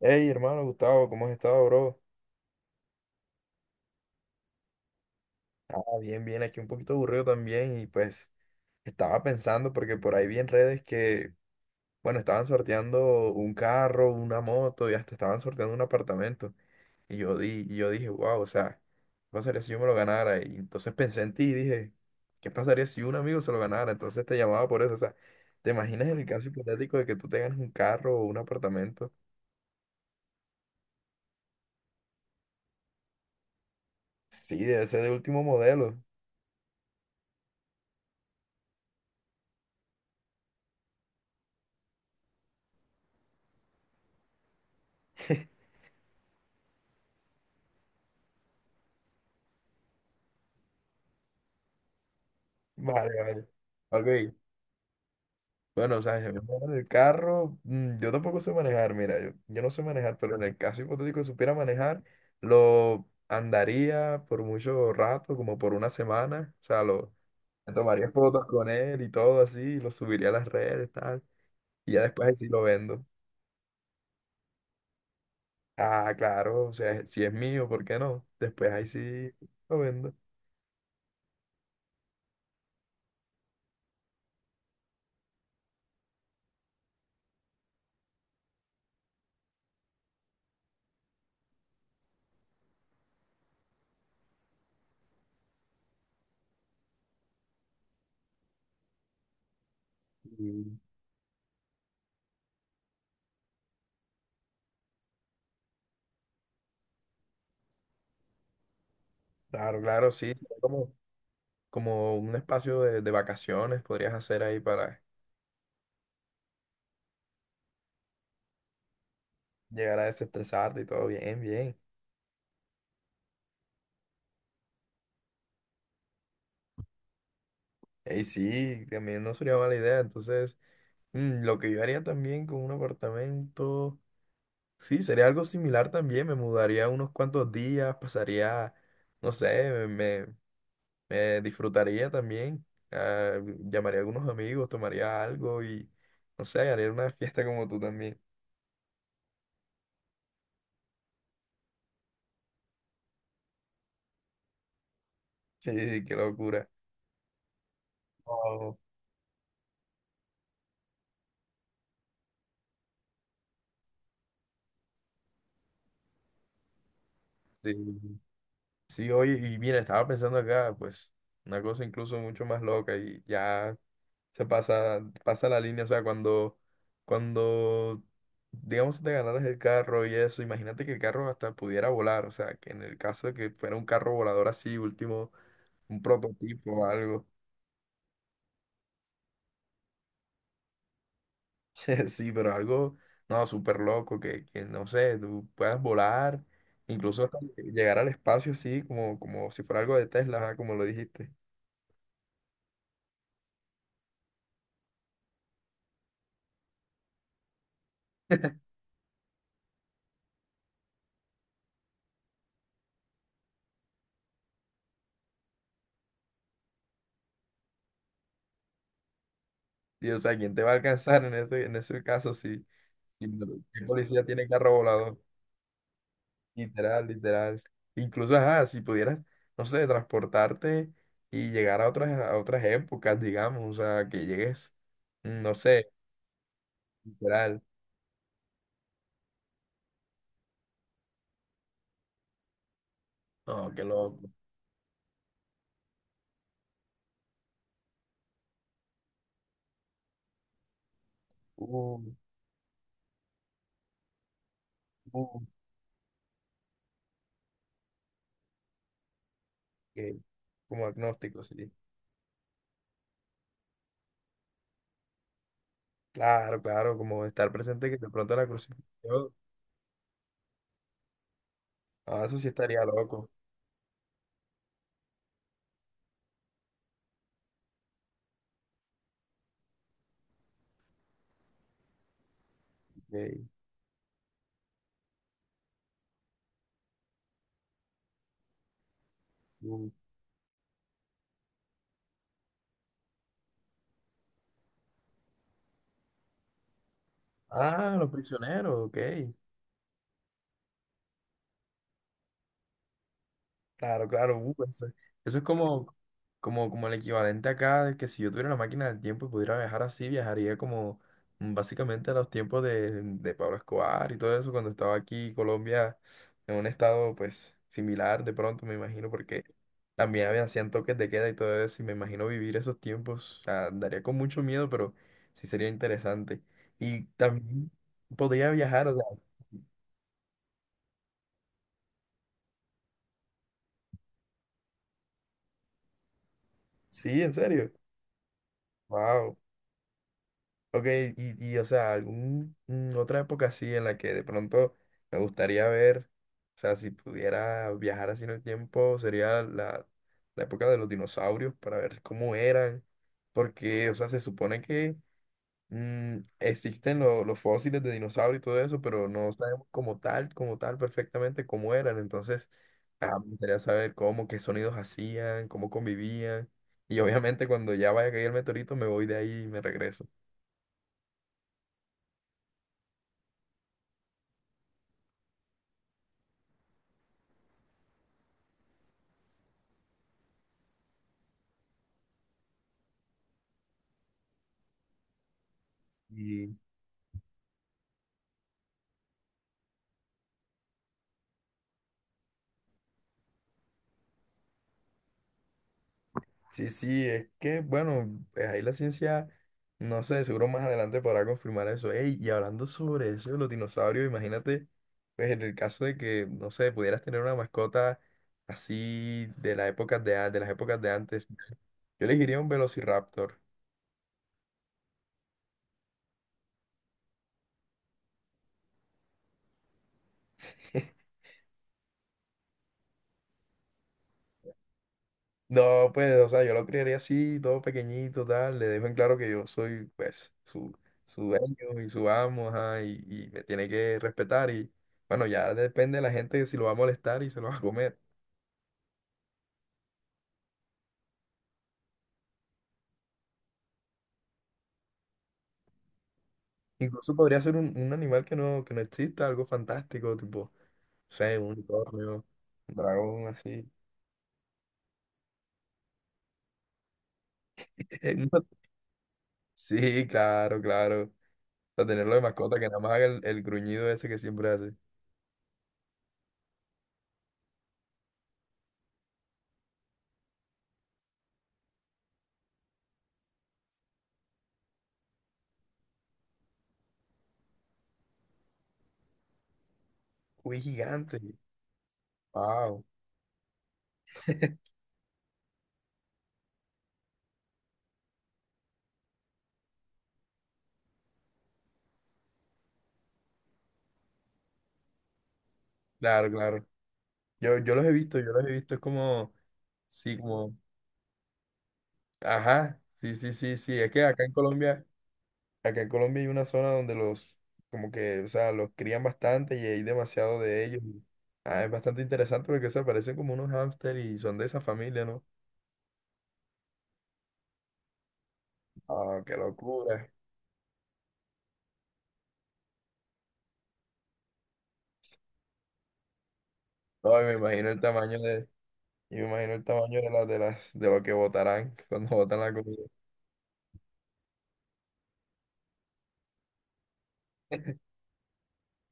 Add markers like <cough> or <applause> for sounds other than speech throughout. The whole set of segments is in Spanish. Hey, hermano Gustavo, ¿cómo has estado, bro? Ah, bien, bien, aquí un poquito aburrido también y pues estaba pensando porque por ahí vi en redes que, bueno, estaban sorteando un carro, una moto y hasta estaban sorteando un apartamento. Y yo dije, wow, o sea, ¿qué pasaría si yo me lo ganara? Y entonces pensé en ti y dije, ¿qué pasaría si un amigo se lo ganara? Entonces te llamaba por eso, o sea, ¿te imaginas en el caso hipotético de que tú te ganes un carro o un apartamento? Sí, debe ser de último modelo. Vale, vale. Ok. Bueno, o sea, yo en el carro, yo tampoco sé manejar, mira, yo no sé manejar, pero en el caso hipotético de supiera manejar, lo andaría por mucho rato, como por una semana, o sea, me tomaría fotos con él y todo así, lo subiría a las redes, tal, y ya después ahí sí lo vendo. Ah, claro, o sea, si es mío, ¿por qué no? Después ahí sí lo vendo. Y claro, claro, sí, sería como, como un espacio de vacaciones podrías hacer ahí para llegar a desestresarte y todo bien, bien. Ey, sí, también no sería mala idea. Entonces, lo que yo haría también con un apartamento, sí, sería algo similar también. Me mudaría unos cuantos días, pasaría, no sé, me disfrutaría también. Llamaría a algunos amigos, tomaría algo y, no sé, haría una fiesta como tú también. <laughs> Sí, qué locura. Wow. Sí, sí, oye, y mira, estaba pensando acá, pues, una cosa incluso mucho más loca y ya. Se pasa, pasa la línea, o sea, cuando, digamos, si te ganaras el carro y eso, imagínate que el carro hasta pudiera volar, o sea, que en el caso de que fuera un carro volador así, último, un prototipo o algo. <laughs> Sí, pero algo, no, súper loco, que, no sé, tú puedas volar, incluso hasta llegar al espacio así, como, como si fuera algo de Tesla, ajá, como lo dijiste. Y, o sea, ¿quién te va a alcanzar en ese, caso si, si el policía tiene carro volador? Literal, literal. Incluso, ajá, si pudieras, no sé, transportarte y llegar a otras épocas, digamos, o sea, que llegues, no sé, literal. No, qué loco. Uh, uh, qué- como agnóstico, sí. Claro, claro, como estar presente que de pronto la crucifixión. Ah, eso sí estaría loco. Ok, uh. Ah, los prisioneros, ok. Claro, claro, eso, eso es como, como, como el equivalente acá de que si yo tuviera una máquina del tiempo y pudiera viajar así, viajaría como básicamente a los tiempos de Pablo Escobar y todo eso, cuando estaba aquí Colombia en un estado pues similar de pronto, me imagino, porque también hacían toques de queda y todo eso, y me imagino vivir esos tiempos, o sea, daría con mucho miedo, pero sí sería interesante. Y también podría viajar, o sea, sí, en serio, wow. Ok, y o sea, algún otra época así en la que de pronto me gustaría ver, o sea, si pudiera viajar así en el tiempo, sería la época de los dinosaurios para ver cómo eran, porque, o sea, se supone que existen los fósiles de dinosaurios y todo eso, pero no sabemos como tal, perfectamente cómo eran, entonces, me gustaría saber cómo, qué sonidos hacían, cómo convivían, y obviamente cuando ya vaya a caer el meteorito me voy de ahí y me regreso. Sí, sí, es que, bueno, pues ahí la ciencia, no sé, seguro más adelante podrá confirmar eso. Ey, y hablando sobre eso de los dinosaurios, imagínate, pues en el caso de que, no sé, pudieras tener una mascota así de la época de, de las épocas de antes, yo elegiría un velociraptor. <laughs> No, pues, o sea, yo lo criaría así, todo pequeñito, tal. Le dejo en claro que yo soy, pues, su dueño y su amo, ajá, y me tiene que respetar. Y bueno, ya depende de la gente si lo va a molestar y se lo va a comer. Incluso podría ser un, un animal que no exista, algo fantástico, tipo, no sé, un unicornio, un dragón, así. <laughs> No- Sí, claro, claro. O sea, tenerlo de mascota que nada más haga el gruñido ese que siempre hace. Uy, gigante. Wow. Claro, claro. Yo los he visto, yo los he visto, es como, sí, como, ajá, sí, sí, sí, sí, es que acá en Colombia hay una zona donde como que, o sea, los crían bastante y hay demasiado de ellos. Y ah, es bastante interesante porque, se parecen como unos hámster y son de esa familia, ¿no? Ah, qué locura. No, y me imagino el tamaño de, y me imagino el tamaño de lo que botarán <laughs> cuando botan la comida.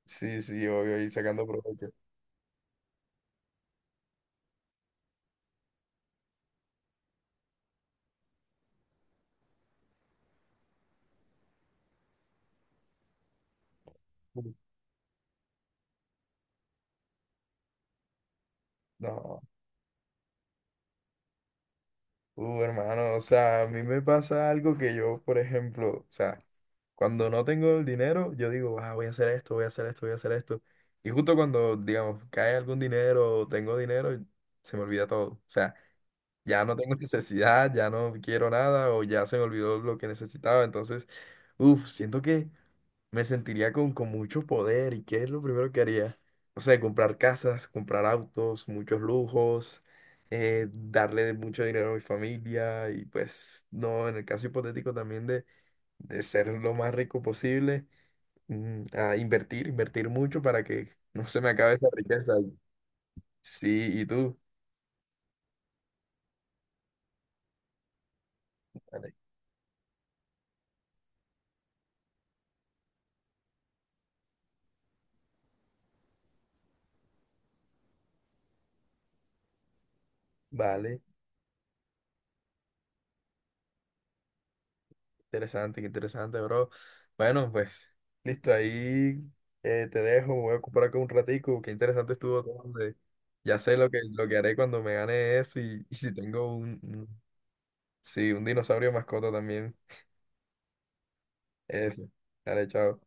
Sí, sí, obvio, y sacando provecho. No. Hermano, o sea, a mí me pasa algo que yo, por ejemplo, o sea, cuando no tengo el dinero, yo digo, ah, voy a hacer esto, voy a hacer esto, voy a hacer esto. Y justo cuando, digamos, cae algún dinero o tengo dinero, se me olvida todo. O sea, ya no tengo <laughs> necesidad, ya no quiero nada o ya se me olvidó lo que necesitaba. Entonces, uff, siento que me sentiría con, mucho poder y qué es lo primero que haría. O sea, comprar casas, comprar autos, muchos lujos, darle mucho dinero a mi familia y pues no, en el caso hipotético también de ser lo más rico posible, a invertir, invertir mucho para que no se me acabe esa riqueza. Sí, ¿y tú? Vale. Vale. Interesante, qué interesante, bro. Bueno, pues, listo, ahí te dejo, me voy a ocupar acá un ratico, qué interesante estuvo todo, hombre. Ya sé lo que haré cuando me gane eso y, <laughs> y si tengo un- sí, un dinosaurio mascota también. Eso. Dale, chao.